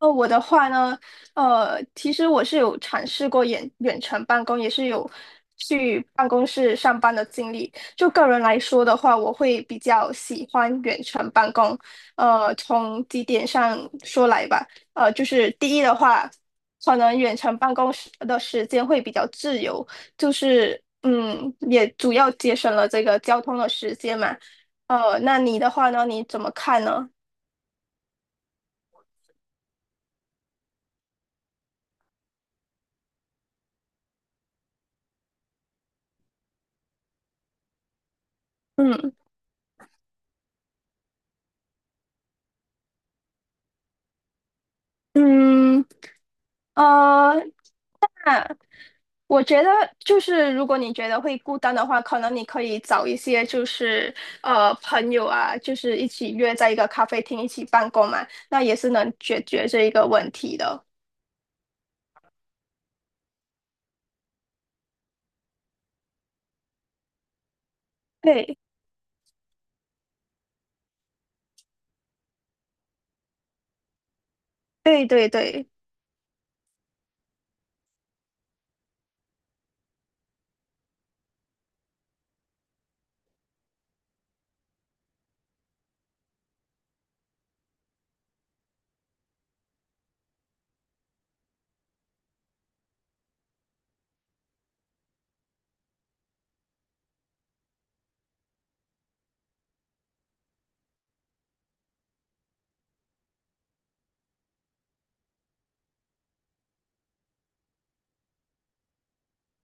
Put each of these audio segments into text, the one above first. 我的话呢，其实我是有尝试过远程办公，也是有去办公室上班的经历。就个人来说的话，我会比较喜欢远程办公。从几点上说来吧，就是第一的话，可能远程办公时的时间会比较自由，就是也主要节省了这个交通的时间嘛。那你的话呢，你怎么看呢？嗯。嗯，呃，我觉得就是，如果你觉得会孤单的话，可能你可以找一些就是朋友啊，就是一起约在一个咖啡厅一起办公嘛，那也是能解决这一个问题的。对，对对对。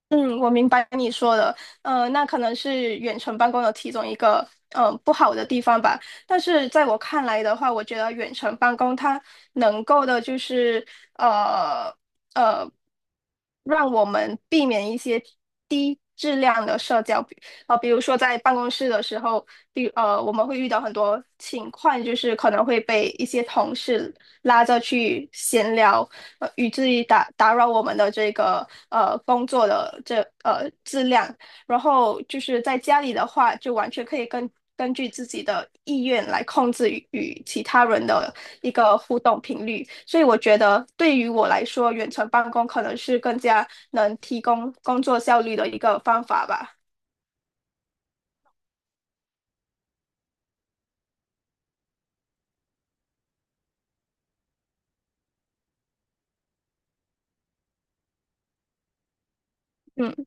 嗯，我明白你说的，那可能是远程办公的其中一个，不好的地方吧。但是在我看来的话，我觉得远程办公它能够的就是，呃呃，让我们避免一些低质量的社交，比如说在办公室的时候，我们会遇到很多情况，就是可能会被一些同事拉着去闲聊，以至于打扰我们的这个工作的这质量。然后就是在家里的话，就完全可以根据自己的意愿来控制与其他人的一个互动频率。所以我觉得对于我来说，远程办公可能是更加能提供工作效率的一个方法吧。嗯。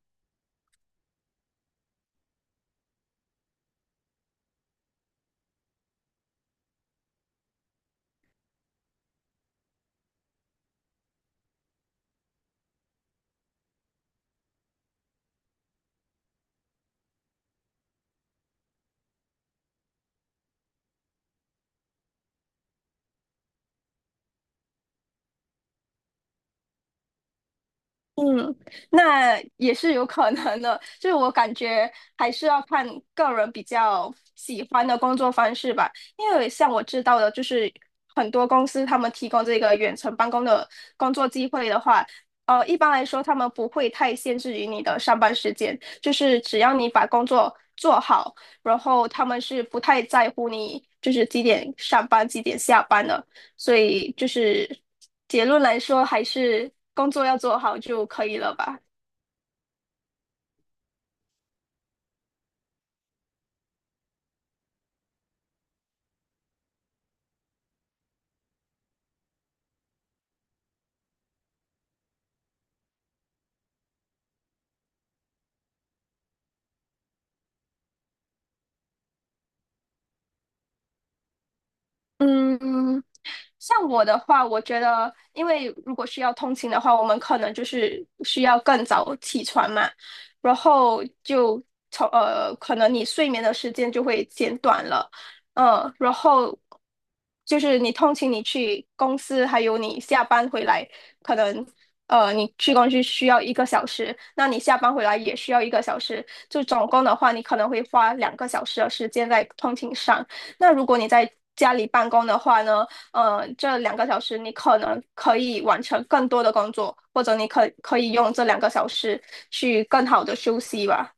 嗯，那也是有可能的，就是我感觉还是要看个人比较喜欢的工作方式吧。因为像我知道的，就是很多公司他们提供这个远程办公的工作机会的话，一般来说他们不会太限制于你的上班时间，就是只要你把工作做好，然后他们是不太在乎你就是几点上班、几点下班的。所以就是结论来说，还是工作要做好就可以了吧。嗯，像我的话，我觉得，因为如果是要通勤的话，我们可能就是需要更早起床嘛，然后就可能你睡眠的时间就会减短了，嗯，然后就是你通勤，你去公司，还有你下班回来，可能你去公司需要一个小时，那你下班回来也需要一个小时，就总共的话，你可能会花两个小时的时间在通勤上。那如果你在家里办公的话呢？这两个小时你可能可以完成更多的工作，或者你可以用这两个小时去更好的休息吧。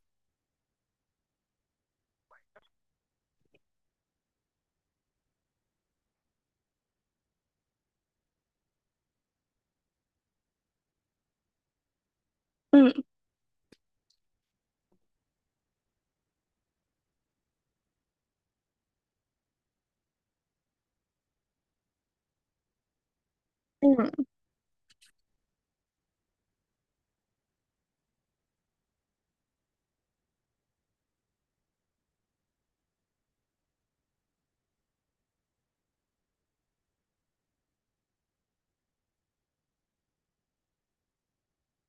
嗯嗯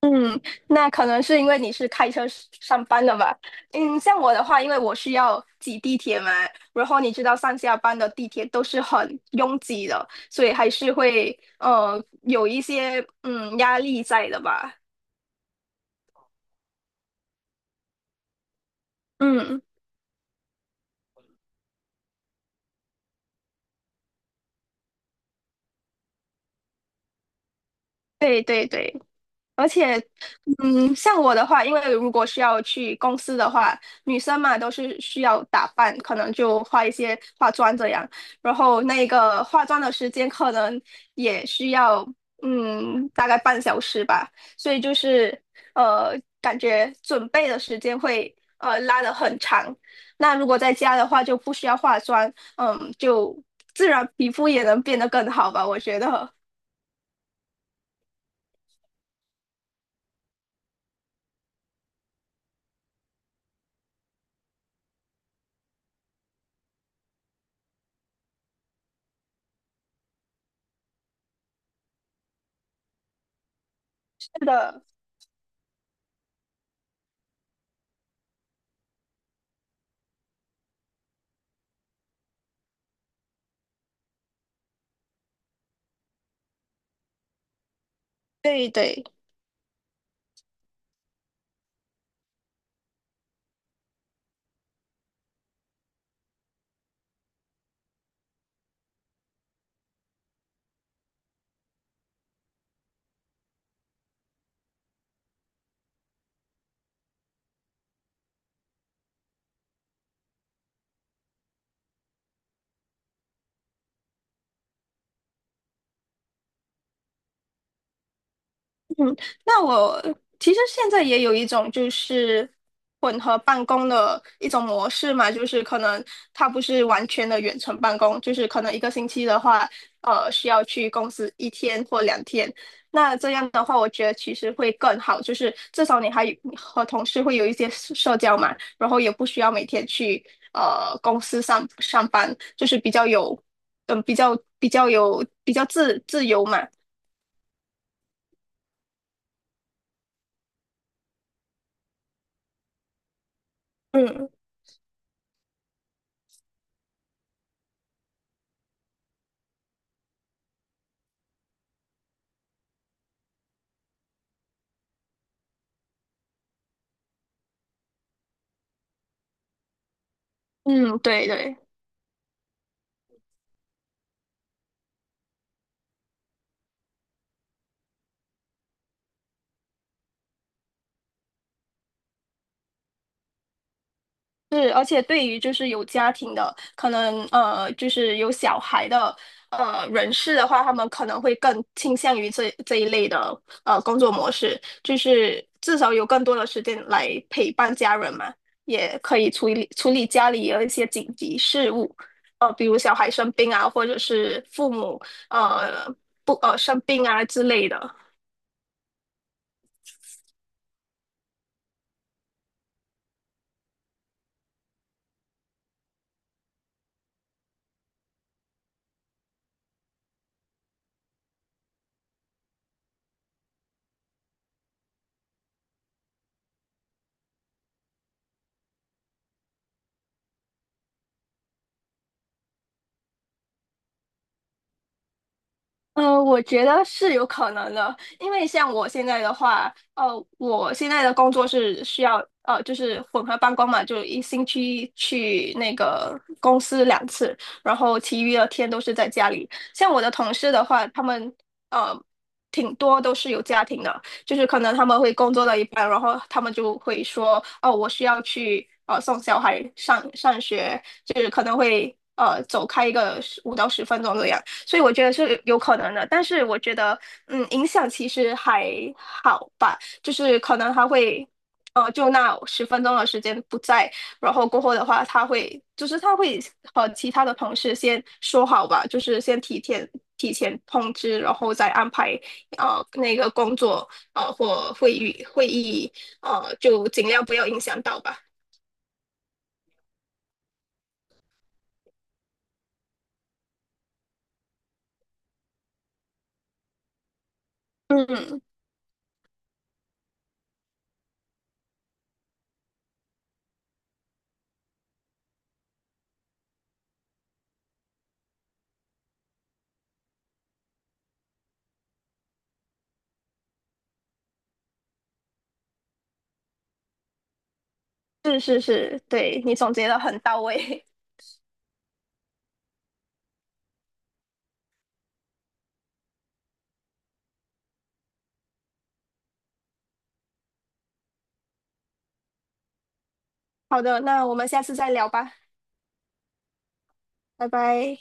嗯，那可能是因为你是开车上班的吧？嗯，像我的话，因为我需要挤地铁嘛，然后你知道上下班的地铁都是很拥挤的，所以还是会有一些压力在的吧。嗯，对对对，而且像我的话，因为如果是要去公司的话，女生嘛都是需要打扮，可能就化一些化妆这样。然后那个化妆的时间可能也需要，嗯，大概半小时吧。所以就是感觉准备的时间会拉得很长。那如果在家的话，就不需要化妆，嗯，就自然皮肤也能变得更好吧，我觉得。是的，对对。那我其实现在也有一种就是混合办公的一种模式嘛，就是可能它不是完全的远程办公，就是可能1个星期的话，需要去公司1天或2天。那这样的话，我觉得其实会更好，就是至少你还有和同事会有一些社交嘛，然后也不需要每天去公司上班，就是比较有，比较有比较自由嘛，嗯嗯，对对。是，而且对于就是有家庭的，可能就是有小孩的人士的话，他们可能会更倾向于这一类的工作模式，就是至少有更多的时间来陪伴家人嘛，也可以处理处理家里有一些紧急事务，比如小孩生病啊，或者是父母呃不生病啊之类的。我觉得是有可能的，因为像我现在的话，我现在的工作是需要就是混合办公嘛，就1星期去那个公司2次，然后其余的天都是在家里。像我的同事的话，他们呃挺多都是有家庭的，就是可能他们会工作到一半，然后他们就会说，哦，我需要去送小孩上学，就是可能会走开一个15到10分钟这样。所以我觉得是有可能的，但是我觉得，嗯，影响其实还好吧，就是可能他会，就那十分钟的时间不在，然后过后的话，他会，就是他会和其他的同事先说好吧，就是先提前通知，然后再安排，那个工作，或会议，就尽量不要影响到吧。嗯，是是是，对，你总结的很到位。好的，那我们下次再聊吧，拜拜。